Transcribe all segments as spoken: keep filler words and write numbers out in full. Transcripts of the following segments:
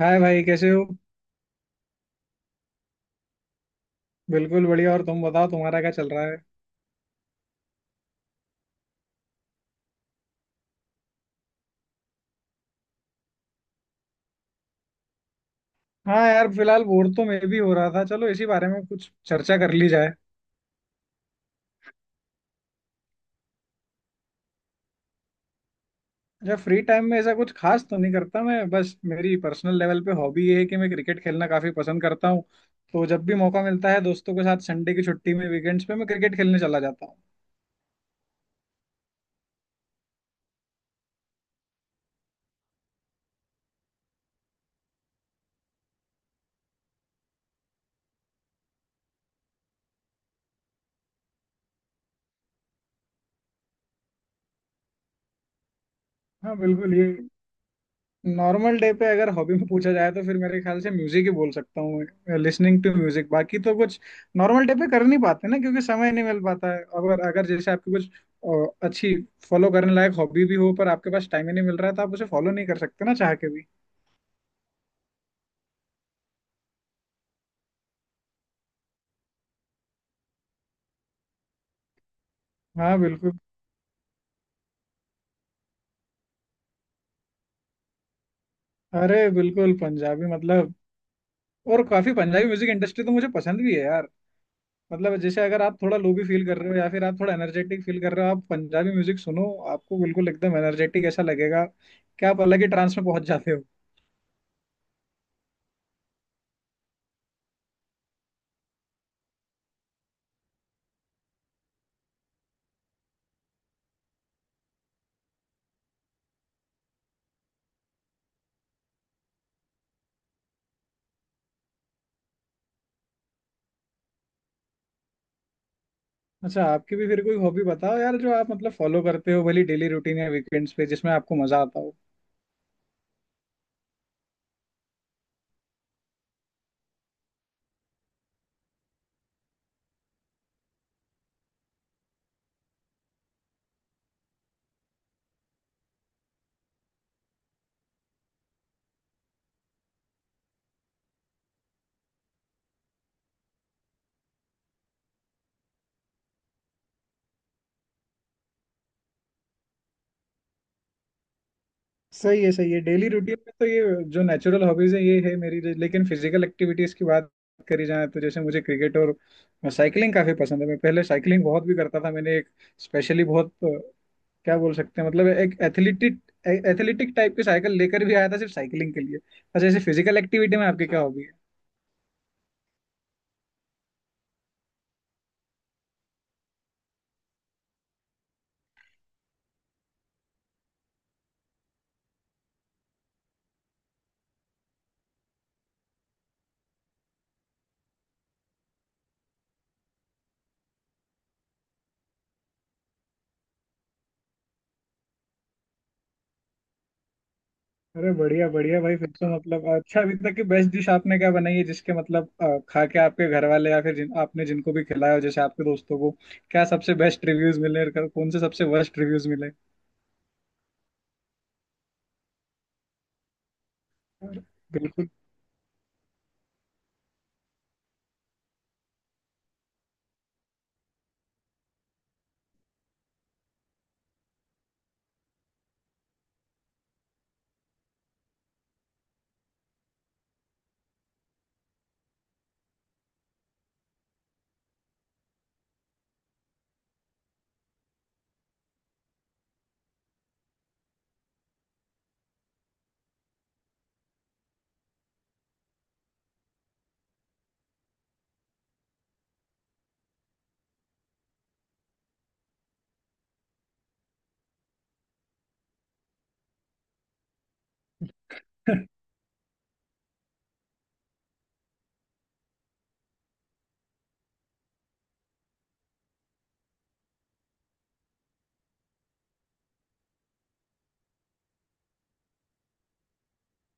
हाय भाई, कैसे हो। बिल्कुल बढ़िया। और तुम बताओ, तुम्हारा क्या चल रहा है। हाँ यार, फिलहाल बोर तो मैं भी हो रहा था। चलो इसी बारे में कुछ चर्चा कर ली जाए। अच्छा, फ्री टाइम में ऐसा कुछ खास तो नहीं करता मैं। बस मेरी पर्सनल लेवल पे हॉबी ये है कि मैं क्रिकेट खेलना काफी पसंद करता हूँ। तो जब भी मौका मिलता है दोस्तों के साथ संडे की छुट्टी में वीकेंड्स पे मैं क्रिकेट खेलने चला जाता हूँ। हाँ बिल्कुल ये। नॉर्मल डे पे अगर हॉबी में पूछा जाए तो फिर मेरे ख्याल से म्यूजिक ही बोल सकता हूँ, लिसनिंग टू म्यूजिक। बाकी तो कुछ नॉर्मल डे पे कर नहीं पाते ना, क्योंकि समय नहीं मिल पाता है। अगर अगर जैसे आपकी कुछ अ, अच्छी फॉलो करने लायक हॉबी भी हो पर आपके पास टाइम ही नहीं मिल रहा है तो आप उसे फॉलो नहीं कर सकते ना, चाह के भी। हाँ बिल्कुल। अरे बिल्कुल पंजाबी मतलब। और काफी पंजाबी म्यूजिक इंडस्ट्री तो मुझे पसंद भी है यार। मतलब जैसे अगर आप थोड़ा लो भी फील कर रहे हो या फिर आप थोड़ा एनर्जेटिक फील कर रहे हो, आप पंजाबी म्यूजिक सुनो। आपको बिल्कुल एकदम एनर्जेटिक ऐसा लगेगा। क्या आप अलग ही ट्रांस में पहुंच जाते हो। अच्छा, आपकी भी फिर कोई हॉबी बताओ यार, जो आप मतलब फॉलो करते हो भली डेली रूटीन या वीकेंड्स पे जिसमें आपको मजा आता हो। सही है, सही है। डेली रूटीन में तो ये जो नेचुरल हॉबीज है ये है मेरी। लेकिन फिजिकल एक्टिविटीज की बात करी जाए तो जैसे मुझे क्रिकेट और साइकिलिंग काफी पसंद है। मैं पहले साइकिलिंग बहुत भी करता था। मैंने एक स्पेशली बहुत अ, क्या बोल सकते हैं, मतलब एक एथलेटिक एथलेटिक टाइप की साइकिल लेकर भी आया था सिर्फ साइकिलिंग के लिए। अच्छा जैसे फिजिकल एक्टिविटी में आपकी क्या हॉबी है? अरे बढ़िया बढ़िया भाई, फिर तो मतलब अच्छा, अभी तक की बेस्ट डिश आपने क्या बनाई है जिसके मतलब अ, खा के आपके घर वाले या फिर जिन आपने जिनको भी खिलाया हो जैसे आपके दोस्तों को, क्या सबसे बेस्ट रिव्यूज मिले और कौन से सबसे वर्स्ट रिव्यूज मिले। बिल्कुल।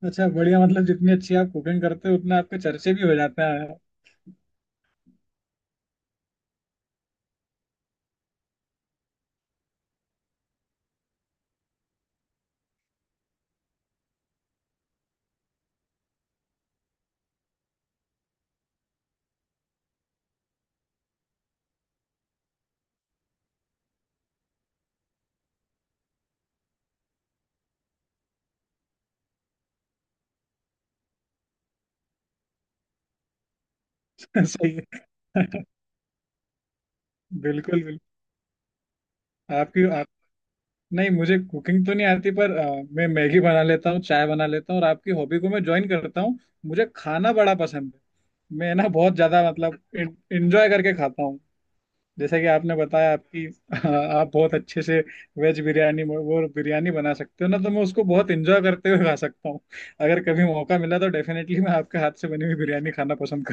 अच्छा बढ़िया, मतलब जितनी अच्छी आप कुकिंग करते हो उतना आपके चर्चे भी हो जाते हैं। सही है। बिल्कुल बिल्कुल। आपकी आप नहीं, मुझे कुकिंग तो नहीं आती पर अ, मैं मैगी बना लेता हूँ, चाय बना लेता हूँ और आपकी हॉबी को मैं ज्वाइन करता हूँ। मुझे खाना बड़ा पसंद है। मैं ना बहुत ज्यादा मतलब एंजॉय करके खाता हूँ। जैसे कि आपने बताया आपकी आप बहुत अच्छे से वेज बिरयानी वो बिरयानी बना सकते हो ना, तो मैं उसको बहुत एंजॉय करते हुए खा सकता हूँ। अगर कभी मौका मिला तो डेफिनेटली मैं आपके हाथ से बनी हुई बिरयानी खाना पसंद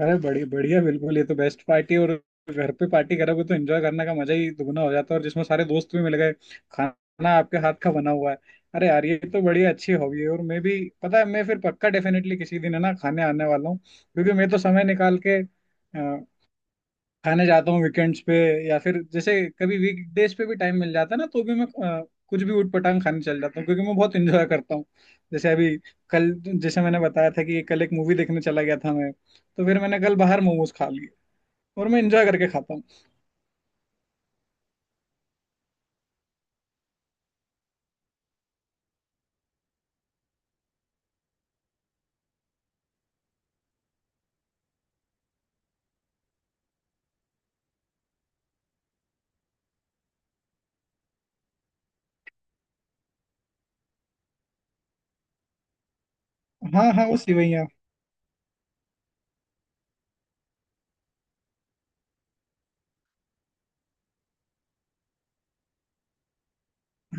अरे बढ़िया बढ़िया, बिल्कुल ये तो बेस्ट पार्टी। और घर पे पार्टी करोगे तो एंजॉय करने का मजा ही दुगना हो जाता है, और जिसमें सारे दोस्त भी मिल गए, खाना आपके हाथ का बना हुआ है। अरे यार, ये तो बढ़िया अच्छी हॉबी है। और मैं भी, पता है, मैं फिर पक्का डेफिनेटली किसी दिन है ना खाने आने वाला हूँ, क्योंकि मैं तो समय निकाल के खाने जाता हूँ वीकेंड्स पे। या फिर जैसे कभी वीकडेज पे भी टाइम मिल जाता है ना तो भी मैं अ, कुछ भी ऊटपटांग खाने चल जाता हूँ, क्योंकि मैं बहुत इंजॉय करता हूँ। जैसे अभी कल जैसे मैंने बताया था कि कल एक मूवी देखने चला गया था मैं, तो फिर मैंने कल बाहर मोमोज खा लिए और मैं इंजॉय करके खाता हूँ। हाँ हाँ, वो सिवैया।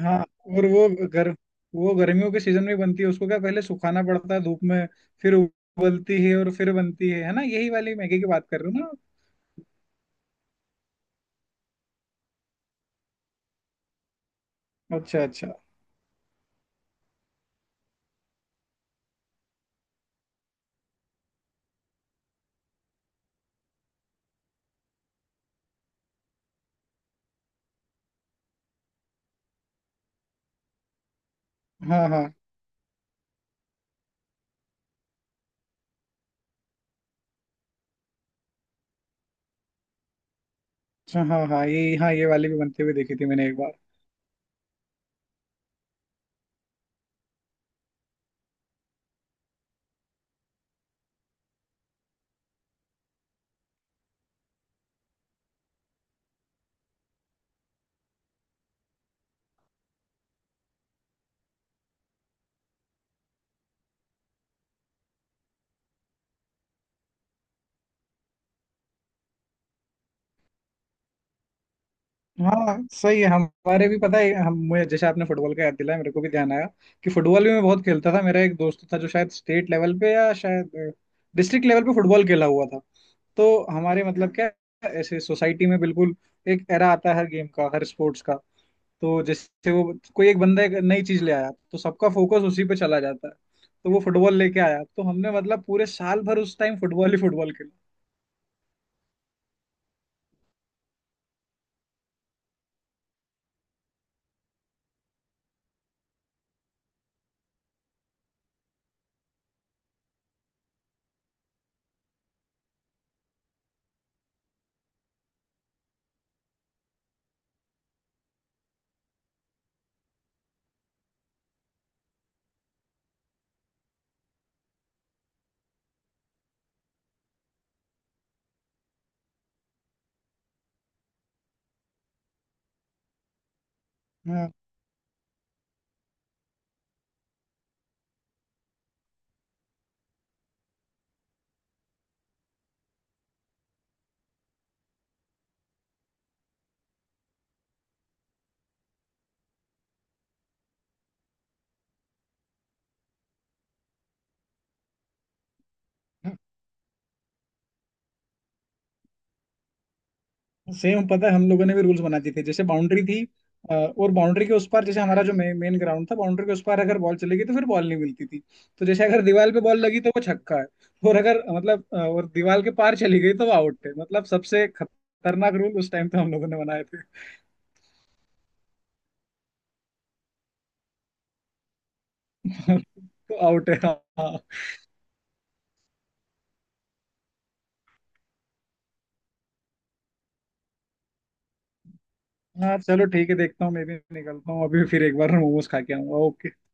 हाँ, और वो गर वो गर्मियों के सीजन में बनती है। उसको क्या पहले सुखाना पड़ता है धूप में, फिर उबलती है और फिर बनती है। है ना, यही वाली मैगी की बात कर रहे हो ना आप? अच्छा अच्छा। हाँ हाँ। अच्छा, हाँ हाँ ये, हाँ ये वाली भी बनते हुए देखी थी मैंने एक बार। हाँ सही है, हमारे भी, पता है हम, मुझे जैसे आपने फुटबॉल का याद दिलाया मेरे को भी ध्यान आया कि फुटबॉल भी मैं बहुत खेलता था। मेरा एक दोस्त था जो शायद स्टेट लेवल पे या शायद डिस्ट्रिक्ट लेवल पे फुटबॉल खेला हुआ था। तो हमारे मतलब क्या है, ऐसे सोसाइटी में बिल्कुल एक एरा आता है हर गेम का, हर स्पोर्ट्स का। तो जैसे वो कोई एक बंदा एक नई चीज ले आया तो सबका फोकस उसी पे चला जाता है। तो वो फुटबॉल लेके आया तो हमने मतलब पूरे साल भर उस टाइम फुटबॉल ही फुटबॉल खेला। हाँ सेम, पता है हम लोगों ने भी रूल्स बना दिए थे। जैसे बाउंड्री थी, अ, और बाउंड्री के उस पार, जैसे हमारा जो मेन ग्राउंड था, बाउंड्री के उस पार अगर बॉल चली गई तो फिर बॉल नहीं मिलती थी। तो जैसे अगर दीवार पे बॉल लगी तो वो छक्का है। और अगर मतलब अ, और दीवार के पार चली गई तो वो आउट है। मतलब सबसे खतरनाक रूल उस टाइम पे हम लोगों ने बनाए थे। तो आउट है हाँ। हाँ चलो ठीक है, देखता हूँ मैं भी निकलता हूँ अभी, फिर एक बार मोमोज खा के आऊंगा। ओके।